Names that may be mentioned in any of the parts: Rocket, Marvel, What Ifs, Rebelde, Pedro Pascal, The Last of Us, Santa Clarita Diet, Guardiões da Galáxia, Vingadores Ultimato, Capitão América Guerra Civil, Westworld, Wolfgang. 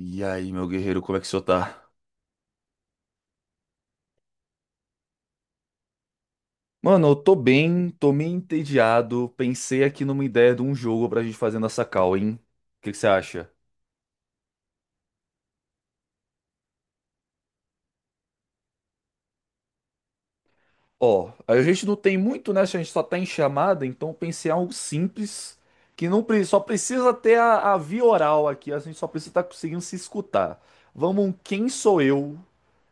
E aí, meu guerreiro, como é que o senhor tá? Mano, eu tô bem, tô meio entediado. Pensei aqui numa ideia de um jogo pra gente fazer nessa call, hein? O que que você acha? Ó, a gente não tem muito, né? A gente só tá em chamada, então eu pensei em algo simples, que não pre- só precisa ter a via oral aqui, a gente só precisa estar conseguindo se escutar. Vamos, um quem sou eu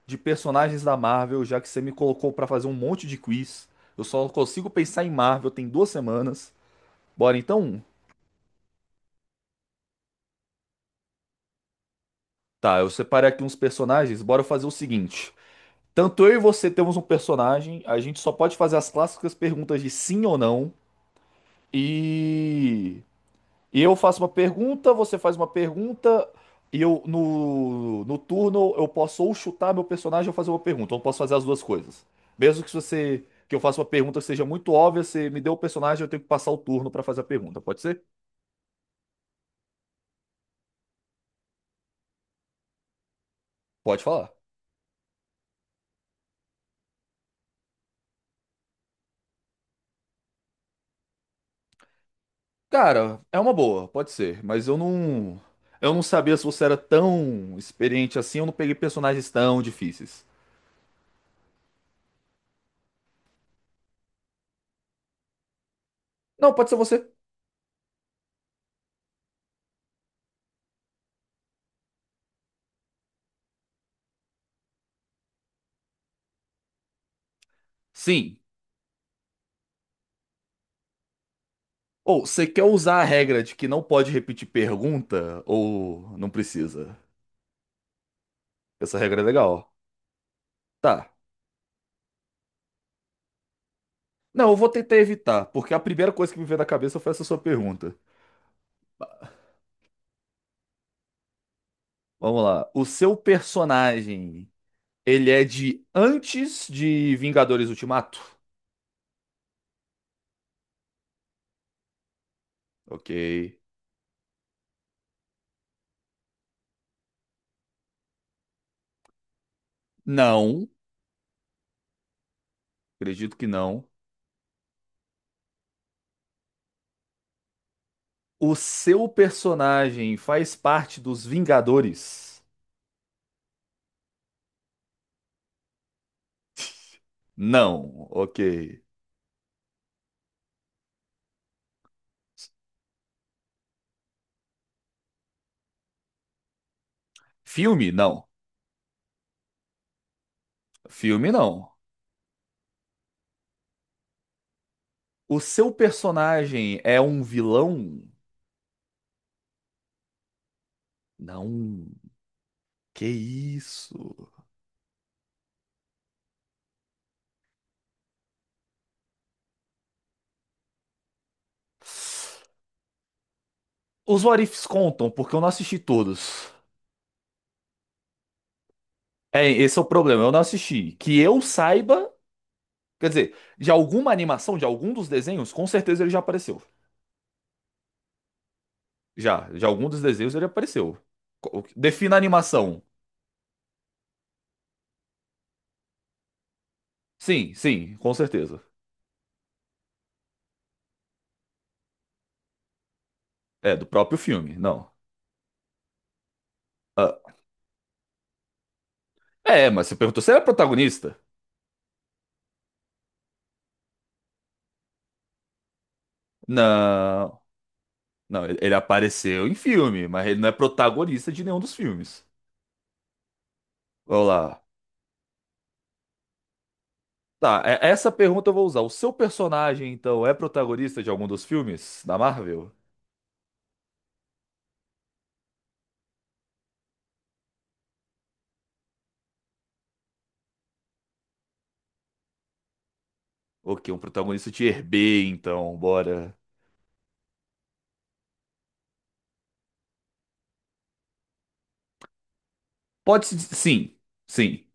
de personagens da Marvel, já que você me colocou pra fazer um monte de quiz. Eu só consigo pensar em Marvel tem duas semanas. Bora então? Tá, eu separei aqui uns personagens. Bora fazer o seguinte. Tanto eu e você temos um personagem, a gente só pode fazer as clássicas perguntas de sim ou não. E, e eu faço uma pergunta, você faz uma pergunta, e eu no turno eu posso ou chutar meu personagem ou fazer uma pergunta. Eu não posso fazer as duas coisas. Mesmo que você que eu faça uma pergunta que seja muito óbvia, você me deu o personagem, eu tenho que passar o turno pra fazer a pergunta. Pode ser? Pode falar. Cara, é uma boa, pode ser, mas eu não. Eu não sabia se você era tão experiente assim, eu não peguei personagens tão difíceis. Não, pode ser você. Sim. Ou você quer usar a regra de que não pode repetir pergunta ou não precisa? Essa regra é legal. Tá. Não, eu vou tentar evitar, porque a primeira coisa que me veio na cabeça foi essa sua pergunta. Vamos lá. O seu personagem, ele é de antes de Vingadores Ultimato? Ok. Não, acredito que não. O seu personagem faz parte dos Vingadores? Não, ok. Filme? Não. Filme não. O seu personagem é um vilão? Não. Que isso? Os What Ifs contam, porque eu não assisti todos. É, esse é o problema, eu não assisti. Que eu saiba, quer dizer, de alguma animação, de algum dos desenhos, com certeza ele já apareceu. Já, de algum dos desenhos ele apareceu. Co- Defina a animação. Sim, sim, com certeza. É, do próprio filme, não. Ah, é, mas você perguntou se ele é protagonista? Não, não, ele apareceu em filme, mas ele não é protagonista de nenhum dos filmes. Vamos lá. Tá, essa pergunta eu vou usar. O seu personagem, então, é protagonista de algum dos filmes da Marvel? Ok, um protagonista de B, então, bora. Pode se. Diz- Sim, sim.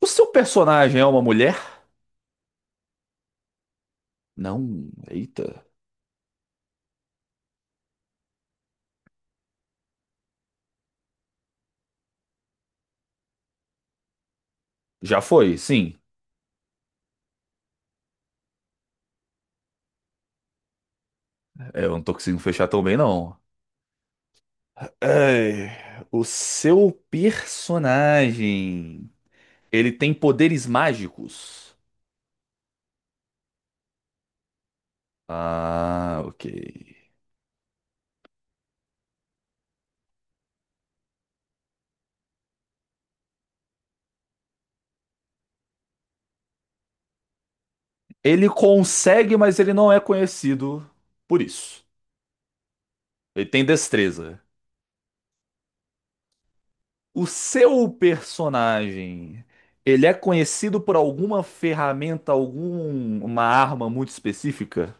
O seu personagem é uma mulher? Não, eita. Já foi, sim. É, eu não tô conseguindo fechar tão bem, não. Ai, o seu personagem, ele tem poderes mágicos? Ah, ok. Ele consegue, mas ele não é conhecido por isso. Ele tem destreza. O seu personagem, ele é conhecido por alguma ferramenta, alguma arma muito específica?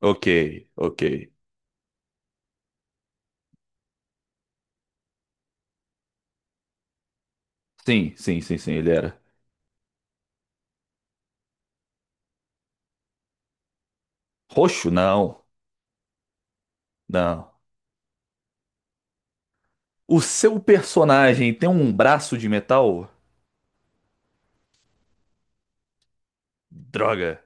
Ok, ok. Sim, sim, sim, sim, ele era. Roxo? Não, não. O seu personagem tem um braço de metal? Droga.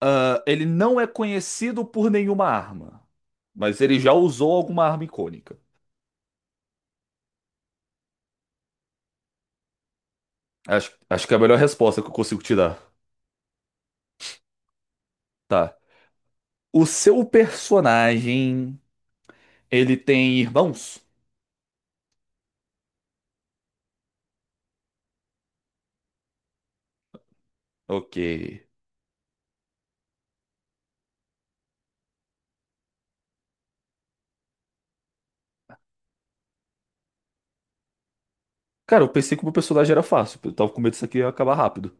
Ah, ele não é conhecido por nenhuma arma, mas ele já usou alguma arma icônica. Acho, acho que é a melhor resposta que eu consigo te dar. Tá. O seu personagem, ele tem irmãos? Ok. Cara, eu pensei que o meu personagem era fácil. Eu tava com medo disso aqui ia acabar rápido.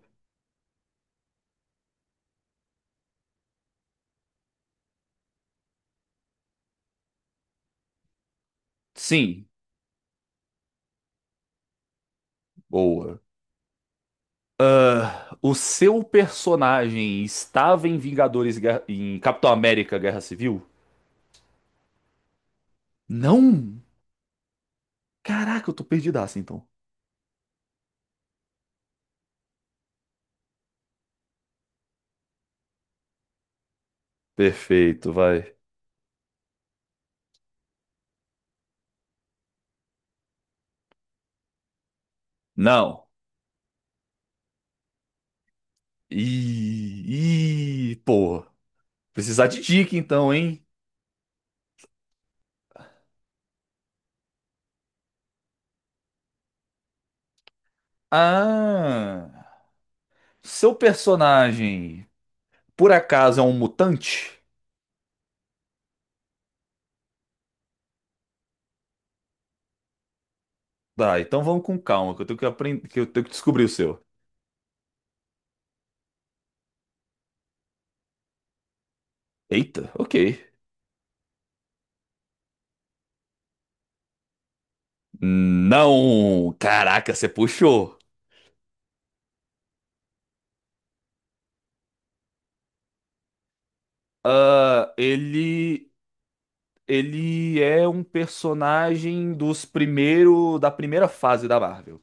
Sim, boa. O seu personagem estava em em Capitão América Guerra Civil? Não! Caraca, eu tô perdidaço então. Perfeito, vai. Não. E, pô, precisar de dica então, hein? Ah, seu personagem por acaso é um mutante? Tá, então vamos com calma, que eu tenho que aprender, que eu tenho que descobrir o seu. Eita, ok. Não, caraca, você puxou. Ah, ele é um personagem dos primeiro, da primeira fase da Marvel.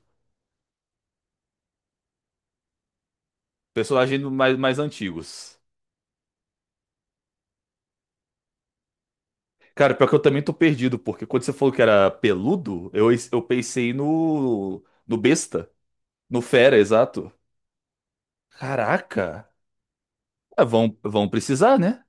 Personagem mais, mais antigos. Cara, pior que eu também tô perdido, porque quando você falou que era peludo, eu pensei no besta, no fera, exato. Caraca, Ah, vão precisar, né?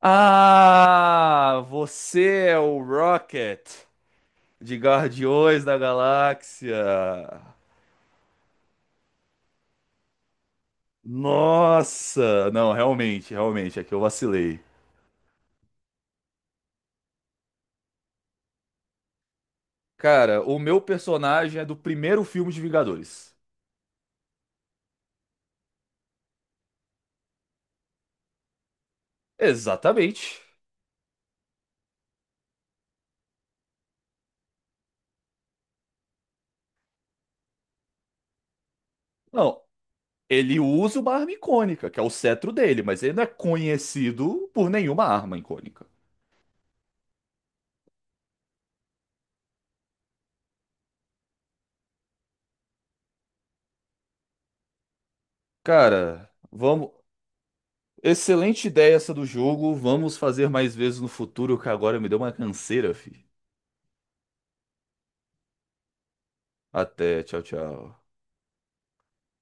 Ah, você é o Rocket de Guardiões da Galáxia. Nossa, não, realmente, realmente, é que eu vacilei. Cara, o meu personagem é do primeiro filme de Vingadores. Exatamente. Não, Ele usa uma arma icônica, que é o cetro dele, mas ele não é conhecido por nenhuma arma icônica. Cara, vamos. Excelente ideia essa do jogo. Vamos fazer mais vezes no futuro, que agora me deu uma canseira, fi. Até, tchau, tchau.